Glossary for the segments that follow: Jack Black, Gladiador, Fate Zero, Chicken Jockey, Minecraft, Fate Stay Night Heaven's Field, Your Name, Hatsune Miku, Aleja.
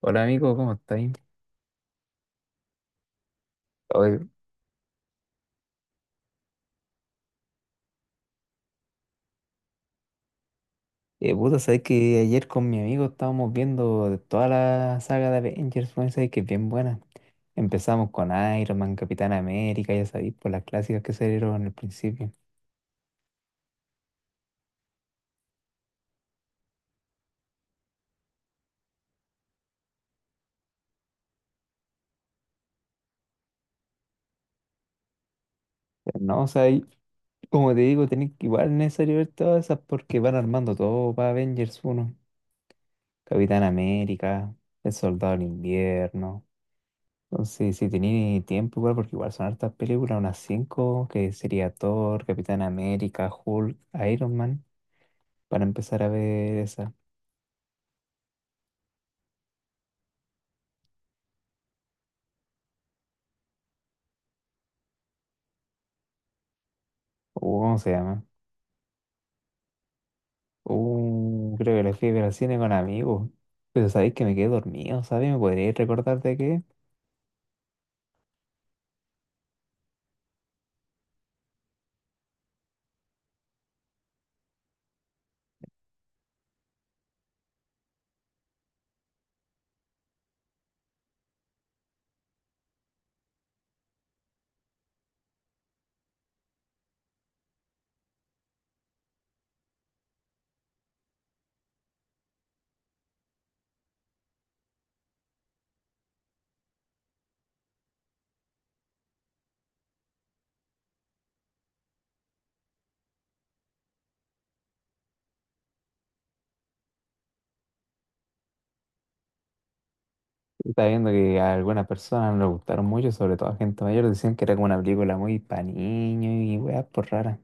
Hola amigo, ¿cómo estáis? Oye, puta, sabes que ayer con mi amigo estábamos viendo de toda la saga de Avengers, weón, sabes que es bien buena. Empezamos con Iron Man, Capitán América, ya sabéis, por las clásicas que salieron al principio. Pero no, o sea, y como te digo, tenéis que igual es necesario ver todas esas porque van armando todo para Avengers uno, Capitán América, El Soldado del Invierno. Entonces, si tenéis tiempo igual, porque igual son hartas películas, unas 5 que sería Thor, Capitán América, Hulk, Iron Man, para empezar a ver esa. ¿Cómo se llama? Creo que la fui a ver al cine con amigos. Pero sabéis que me quedé dormido, ¿sabéis? ¿Me podríais recordar de qué? Estaba viendo que a algunas personas no les gustaron mucho, sobre todo a gente mayor, decían que era como una película muy pa' niños y weas por raras.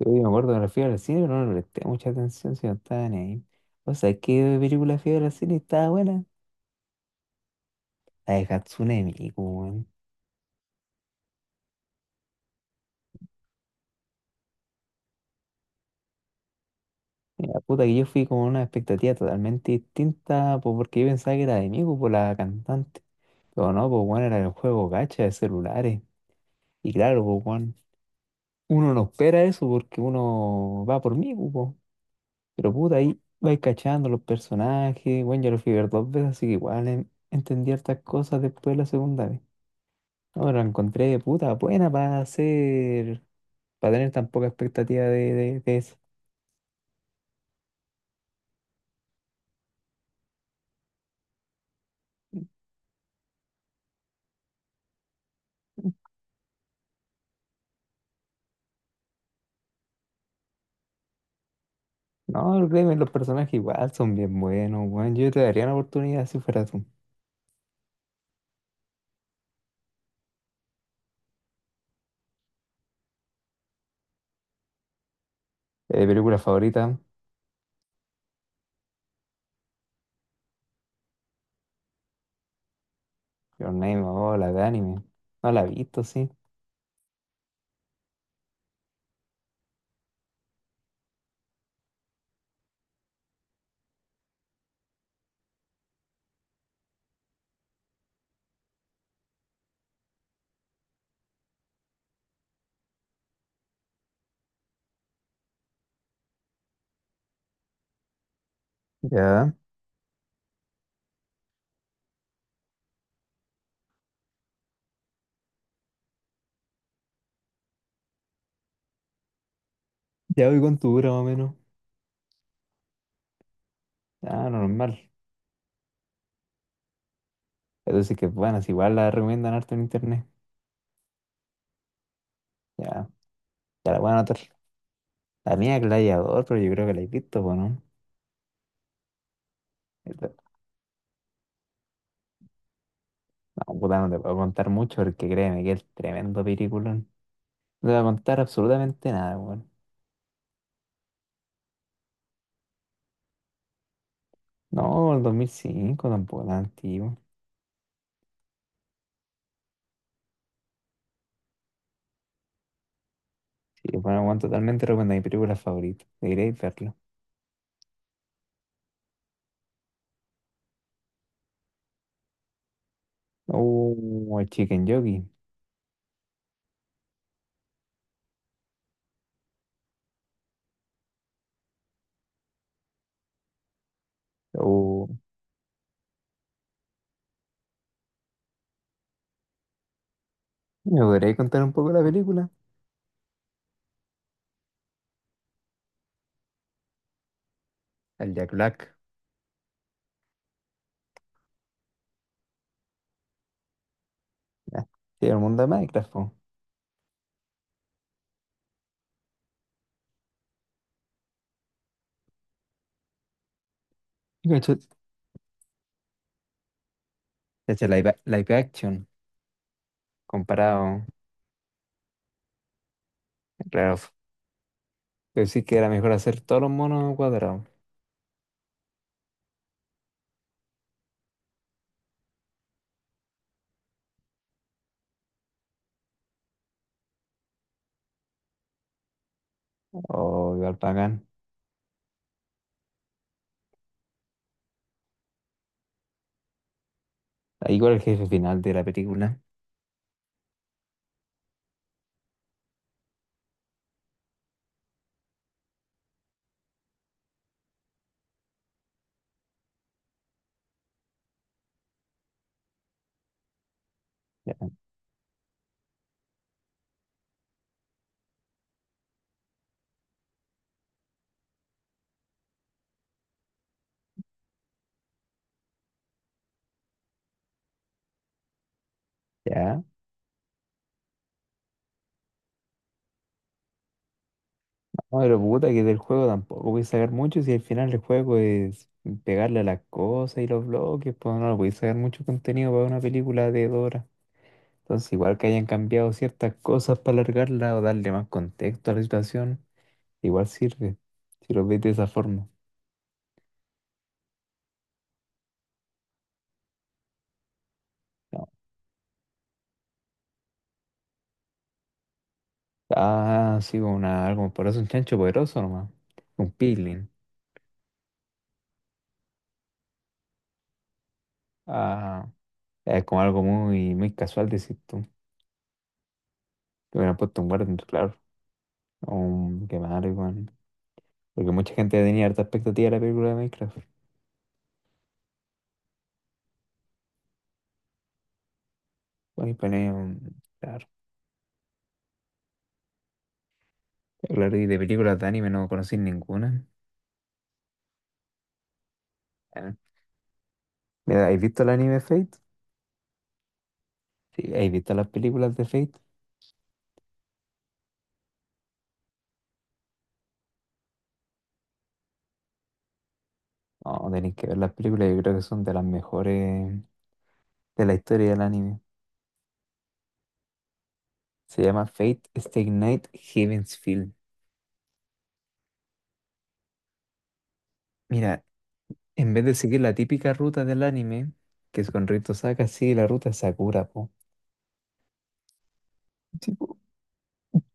Yo me acuerdo que la fui a ver al cine, pero no le presté mucha atención, si no estaba ni ahí. O sea, ¿qué película fui a ver al cine y estaba buena? La de Hatsune Miku, weón. Mira, puta, que yo fui con una expectativa totalmente distinta, pues porque yo pensaba que era de mí, pues, por la cantante. Pero no, pues, bueno, era el juego gacha de celulares. Y claro, pues, bueno, uno no espera eso porque uno va por mí, pues. Po. Pero puta, ahí vais cachando los personajes. Bueno, yo lo fui a ver dos veces, así que igual entendí hartas cosas después de la segunda vez. Ahora la encontré, puta, buena para hacer, para tener tan poca expectativa de No, créeme, los personajes igual son bien buenos, weón. Yo te daría una oportunidad si fuera tú. Película favorita, Your Name, oh, la de anime. No la he visto, sí. Ya. Ya voy con tu dura más o menos. Ah, no, normal. Entonces que bueno, si igual la recomiendan harto en internet. Ya, ya la voy a anotar. La mía Gladiador, pero yo creo que la he visto, po, ¿no? Esta- No, puta, no te puedo contar mucho porque créeme que es tremendo película. No te voy a contar absolutamente nada, weón. No, el 2005 tampoco tan antiguo. Sí, bueno, bueno, totalmente recomendado. Mi película favorita. Deberíais verlo. Oh, el Chicken Jockey. Oh, ¿me podríais contar un poco de la película? El Jack Black. Ah, sí, el mundo de Minecraft. Po. Y live, action. Comparado. Claro. Pero sí que era mejor hacer todos los monos cuadrados. O igual pagan. Igual el jefe final de la película. Ya. Ya. No, pero puta, que del juego tampoco voy a sacar mucho si al final el juego es pegarle a las cosas y los bloques, pues no voy a sacar mucho contenido para una película de 2 horas. Entonces, igual que hayan cambiado ciertas cosas para alargarla o darle más contexto a la situación, igual sirve, si lo ves de esa forma. No. Ah, sí, como una, algo por eso, un chancho poderoso nomás, un piglin. Ah, es como algo muy, muy casual, decir tú. Que hubieran puesto un guardián, claro, o un quemar. Porque mucha gente tenía harta expectativa de la película de Minecraft. Bueno, Claro, claro, y de películas de anime no conocí ninguna. Bueno, mira, ¿has visto el anime Fate? Sí, ¿has visto las películas de Fate? No, tenéis que ver las películas, yo creo que son de las mejores de la historia del anime. Se llama Fate Stay Night Heaven's Field. Mira, en vez de seguir la típica ruta del anime, que es con Rito Saka, sigue la ruta de Sakura, po. Sí, po.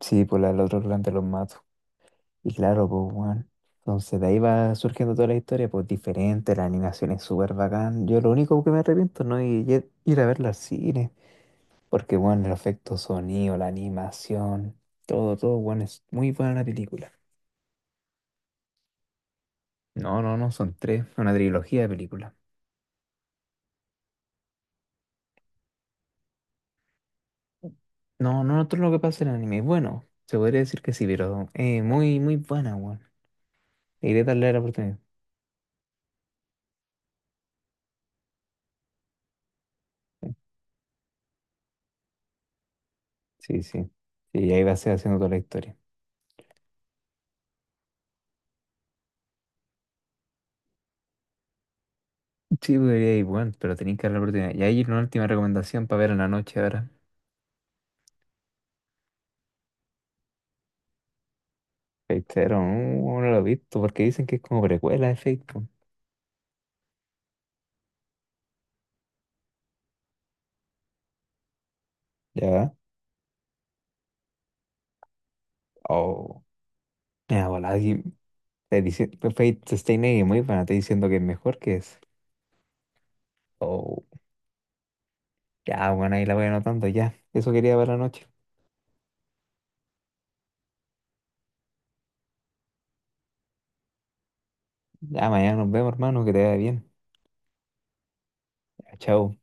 Sí, por la del otro clan de los Matos. Y claro, pues, weón. Entonces de ahí va surgiendo toda la historia, pues diferente, la animación es súper bacán. Yo lo único que me arrepiento no es ir a verla al cine, porque, bueno, el efecto sonido, la animación, todo, todo, bueno, es muy buena la película. No, no, no, son tres, una trilogía de películas. No, no, todo lo que pasa en el anime, bueno, se podría decir que sí, pero muy, muy buena, weón. Iré a darle la oportunidad. Sí, sí. Y ahí va a ser haciendo toda la historia. Sí, podría ir, bueno, pero tenéis que dar la oportunidad. Y ahí una última recomendación para ver en la noche ahora. Fate Zero, no, no lo he visto porque dicen que es como precuela de Fate. Po. Ya. Oh. Me da volada aquí. Pues, Fate Stay Night es muy buena, te diciendo que es mejor que es. Oh. Ya, bueno, ahí la voy anotando ya. Eso quería ver la noche. Ya, mañana nos vemos, hermano, que te vaya bien. Ya, chao.